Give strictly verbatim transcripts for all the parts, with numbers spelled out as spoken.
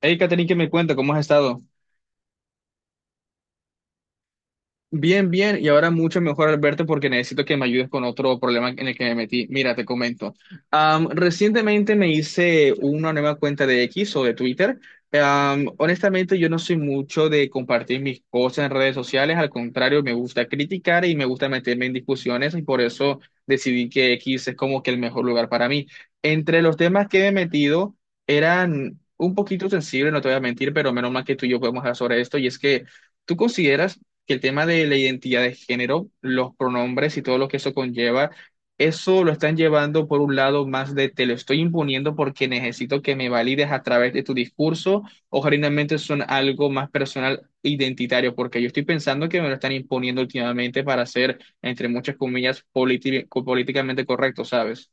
Hey, Catherine, ¿qué me cuenta? ¿Cómo has estado? Bien, bien, y ahora mucho mejor, Alberto, porque necesito que me ayudes con otro problema en el que me metí. Mira, te comento. Am, recientemente me hice una nueva cuenta de X o de Twitter. Am, honestamente, yo no soy mucho de compartir mis cosas en redes sociales. Al contrario, me gusta criticar y me gusta meterme en discusiones, y por eso decidí que X es como que el mejor lugar para mí. Entre los temas que me he metido eran un poquito sensibles, no te voy a mentir, pero menos mal que tú y yo podemos hablar sobre esto, y es que. ¿Tú consideras que el tema de la identidad de género, los pronombres y todo lo que eso conlleva, eso lo están llevando por un lado más de te lo estoy imponiendo porque necesito que me valides a través de tu discurso, o generalmente son algo más personal, e identitario, porque yo estoy pensando que me lo están imponiendo últimamente para ser, entre muchas comillas, politi- políticamente correcto, ¿sabes?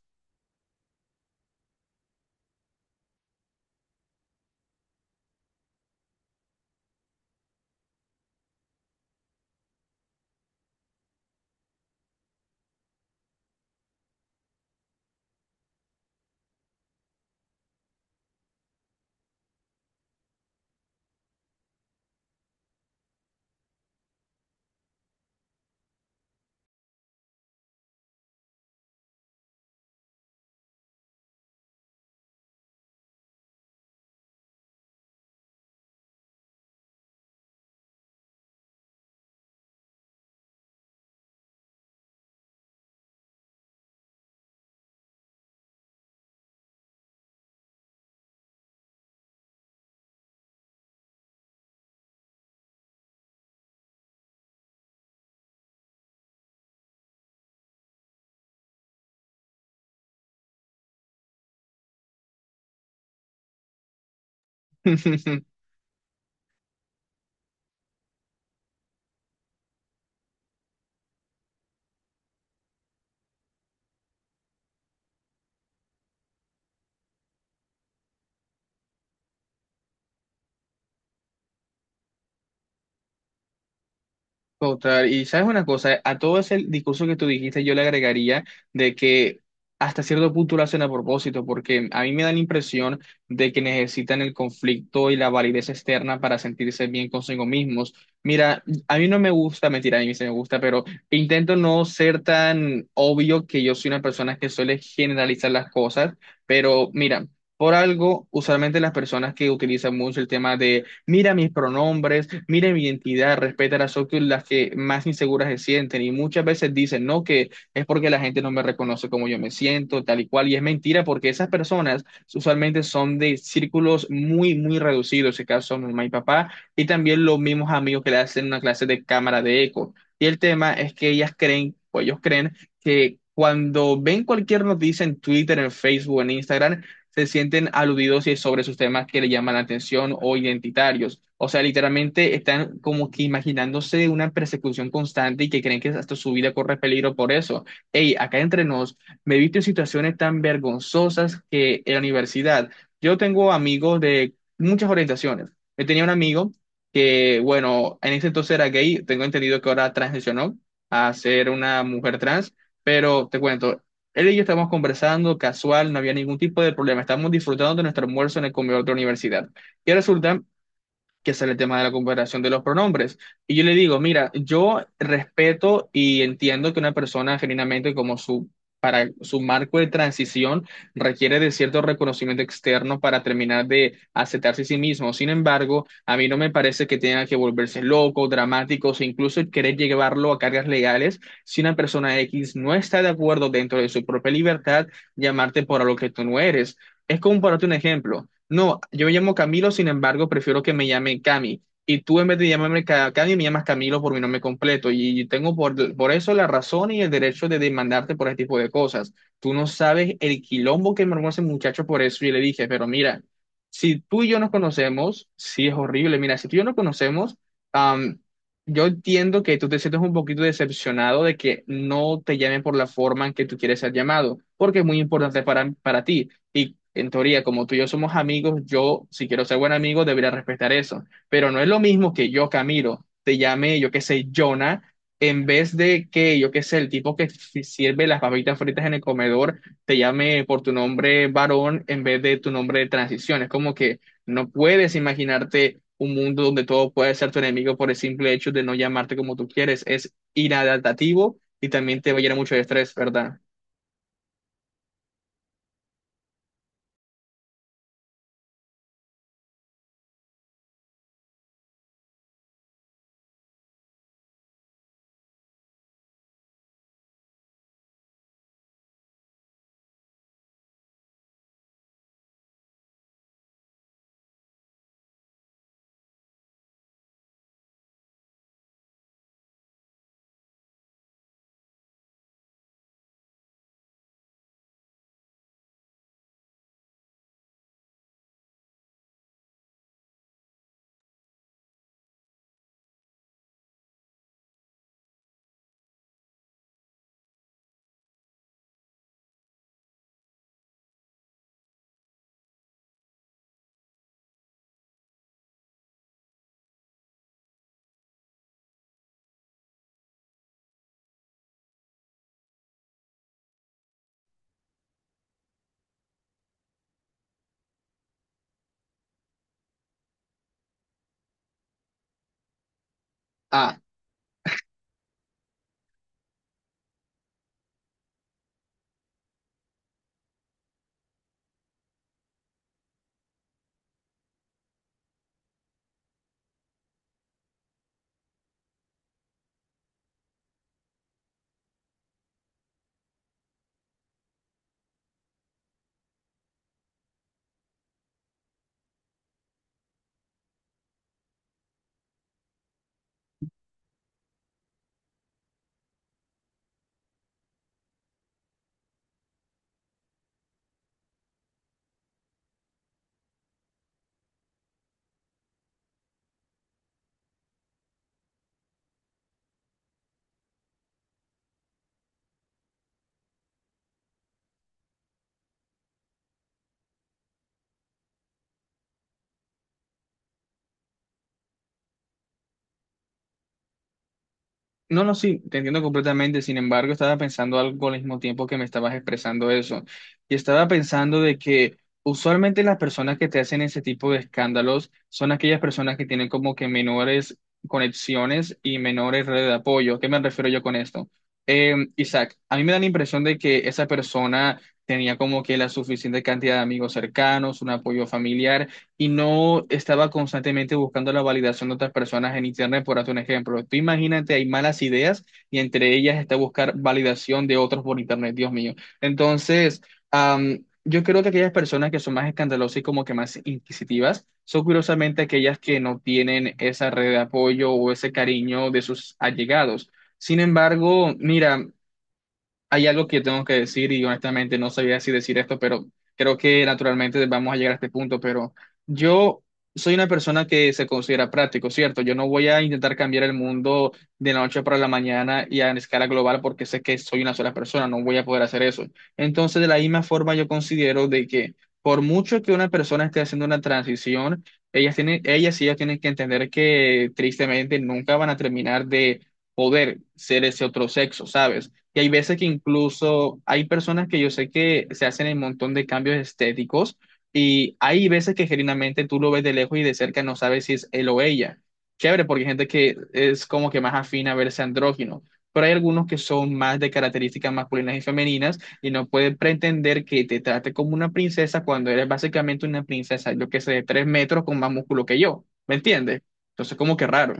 Total, y sabes una cosa, a todo ese discurso que tú dijiste, yo le agregaría de que hasta cierto punto lo hacen a propósito, porque a mí me da la impresión de que necesitan el conflicto y la validez externa para sentirse bien consigo mismos. Mira, a mí no me gusta, mentira, a mí sí me gusta, pero intento no ser tan obvio que yo soy una persona que suele generalizar las cosas, pero mira. Por algo, usualmente las personas que utilizan mucho el tema de mira mis pronombres, mira mi identidad, respeta las otras las que más inseguras se sienten y muchas veces dicen, no, que es porque la gente no me reconoce como yo me siento, tal y cual, y es mentira porque esas personas usualmente son de círculos muy, muy reducidos, en este caso mi mamá y papá, y también los mismos amigos que le hacen una clase de cámara de eco. Y el tema es que ellas creen, o ellos creen, que cuando ven cualquier noticia en Twitter, en Facebook, en Instagram, se sienten aludidos y sobre sus temas que le llaman la atención o identitarios. O sea, literalmente están como que imaginándose una persecución constante y que creen que hasta su vida corre peligro por eso. Hey, acá entre nos, me he visto en situaciones tan vergonzosas que en la universidad. Yo tengo amigos de muchas orientaciones. Yo tenía un amigo que, bueno, en ese entonces era gay, tengo entendido que ahora transicionó a ser una mujer trans, pero te cuento, él y yo estábamos conversando casual, no había ningún tipo de problema. Estábamos disfrutando de nuestro almuerzo en el comedor de la universidad. Y resulta que sale el tema de la comparación de los pronombres. Y yo le digo, mira, yo respeto y entiendo que una persona genuinamente como su, para su marco de transición requiere de cierto reconocimiento externo para terminar de aceptarse a sí mismo. Sin embargo, a mí no me parece que tenga que volverse loco, dramático, o incluso querer llevarlo a cargas legales si una persona X no está de acuerdo dentro de su propia libertad llamarte por algo que tú no eres. Es como para darte un ejemplo. No, yo me llamo Camilo, sin embargo, prefiero que me llame Cami. Y tú en vez de llamarme Ca- Cami, me llamas Camilo por mi nombre completo. Y y tengo por, por eso la razón y el derecho de demandarte por ese tipo de cosas. Tú no sabes el quilombo que me armó ese muchacho por eso. Y le dije, pero mira, si tú y yo nos conocemos, sí es horrible. Mira, si tú y yo nos conocemos, am, yo entiendo que tú te sientes un poquito decepcionado de que no te llamen por la forma en que tú quieres ser llamado, porque es muy importante para, para ti. Y en teoría, como tú y yo somos amigos, yo, si quiero ser buen amigo, debería respetar eso. Pero no es lo mismo que yo, Camilo, te llame, yo qué sé, Jonah, en vez de que, yo qué sé, el tipo que si- sirve las papitas fritas en el comedor, te llame por tu nombre varón en vez de tu nombre de transición. Es como que no puedes imaginarte un mundo donde todo puede ser tu enemigo por el simple hecho de no llamarte como tú quieres. Es inadaptativo y también te va a llenar mucho de estrés, ¿verdad? Ah. No, no, sí, te entiendo completamente. Sin embargo, estaba pensando algo al mismo tiempo que me estabas expresando eso. Y estaba pensando de que usualmente las personas que te hacen ese tipo de escándalos son aquellas personas que tienen como que menores conexiones y menores redes de apoyo. ¿Qué me refiero yo con esto? Eh, Isaac, a mí me da la impresión de que esa persona tenía como que la suficiente cantidad de amigos cercanos, un apoyo familiar y no estaba constantemente buscando la validación de otras personas en Internet, por hacer un ejemplo. Tú imagínate, hay malas ideas y entre ellas está buscar validación de otros por Internet, Dios mío. Entonces, am, yo creo que aquellas personas que son más escandalosas y como que más inquisitivas, son curiosamente aquellas que no tienen esa red de apoyo o ese cariño de sus allegados. Sin embargo, mira, hay algo que tengo que decir y honestamente no sabía si decir esto, pero creo que naturalmente vamos a llegar a este punto, pero yo soy una persona que se considera práctico, ¿cierto? Yo no voy a intentar cambiar el mundo de la noche para la mañana y a escala global porque sé que soy una sola persona, no voy a poder hacer eso. Entonces, de la misma forma, yo considero de que por mucho que una persona esté haciendo una transición, ellas tienen, ellas y ellos tienen que entender que tristemente nunca van a terminar de poder ser ese otro sexo, ¿sabes? Y hay veces que incluso hay personas que yo sé que se hacen un montón de cambios estéticos y hay veces que genuinamente tú lo ves de lejos y de cerca no sabes si es él o ella. Chévere, porque hay gente que es como que más afina a verse andrógino, pero hay algunos que son más de características masculinas y femeninas y no puedes pretender que te trate como una princesa cuando eres básicamente una princesa, yo que sé, de tres metros con más músculo que yo. ¿Me entiendes? Entonces, como que raro.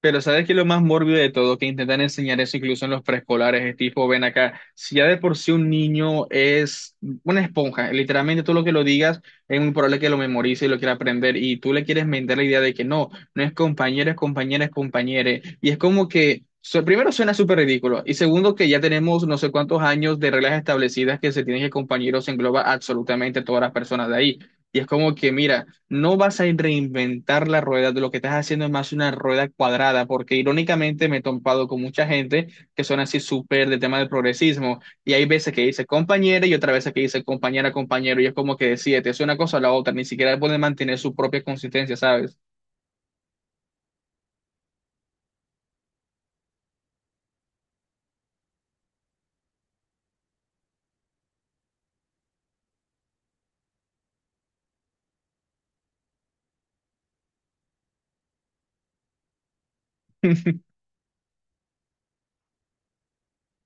Pero ¿sabes qué es lo más mórbido de todo? Que intentan enseñar eso incluso en los preescolares, es tipo, ven acá, si ya de por sí un niño es una esponja, literalmente todo lo que lo digas es muy probable que lo memorice y lo quiera aprender, y tú le quieres vender la idea de que no, no es compañero, es compañera, es compañere, y es como que, su- primero suena súper ridículo, y segundo que ya tenemos no sé cuántos años de reglas establecidas que se tienen que compañeros engloba absolutamente a todas las personas de ahí, y es como que, mira. No vas a reinventar la rueda, lo que estás haciendo es más una rueda cuadrada, porque irónicamente me he topado con mucha gente que son así súper de tema del progresismo, y hay veces que dice compañera y otra veces que dice compañera, compañero, y es como que decide, te es una cosa o la otra, ni siquiera pueden mantener su propia consistencia, ¿sabes?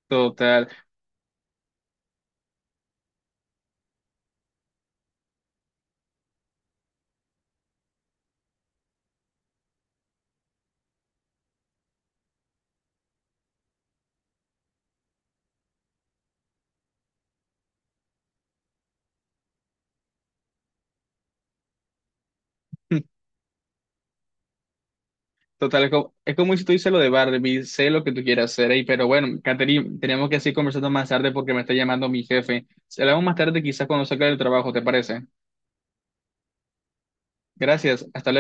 Total. Total, es como, es como si tú dices lo de Barbie, sé lo que tú quieras hacer, ahí, pero bueno, Catherine, tenemos que seguir conversando más tarde porque me está llamando mi jefe. Se hablamos más tarde, quizás cuando salga del trabajo, ¿te parece? Gracias, hasta luego.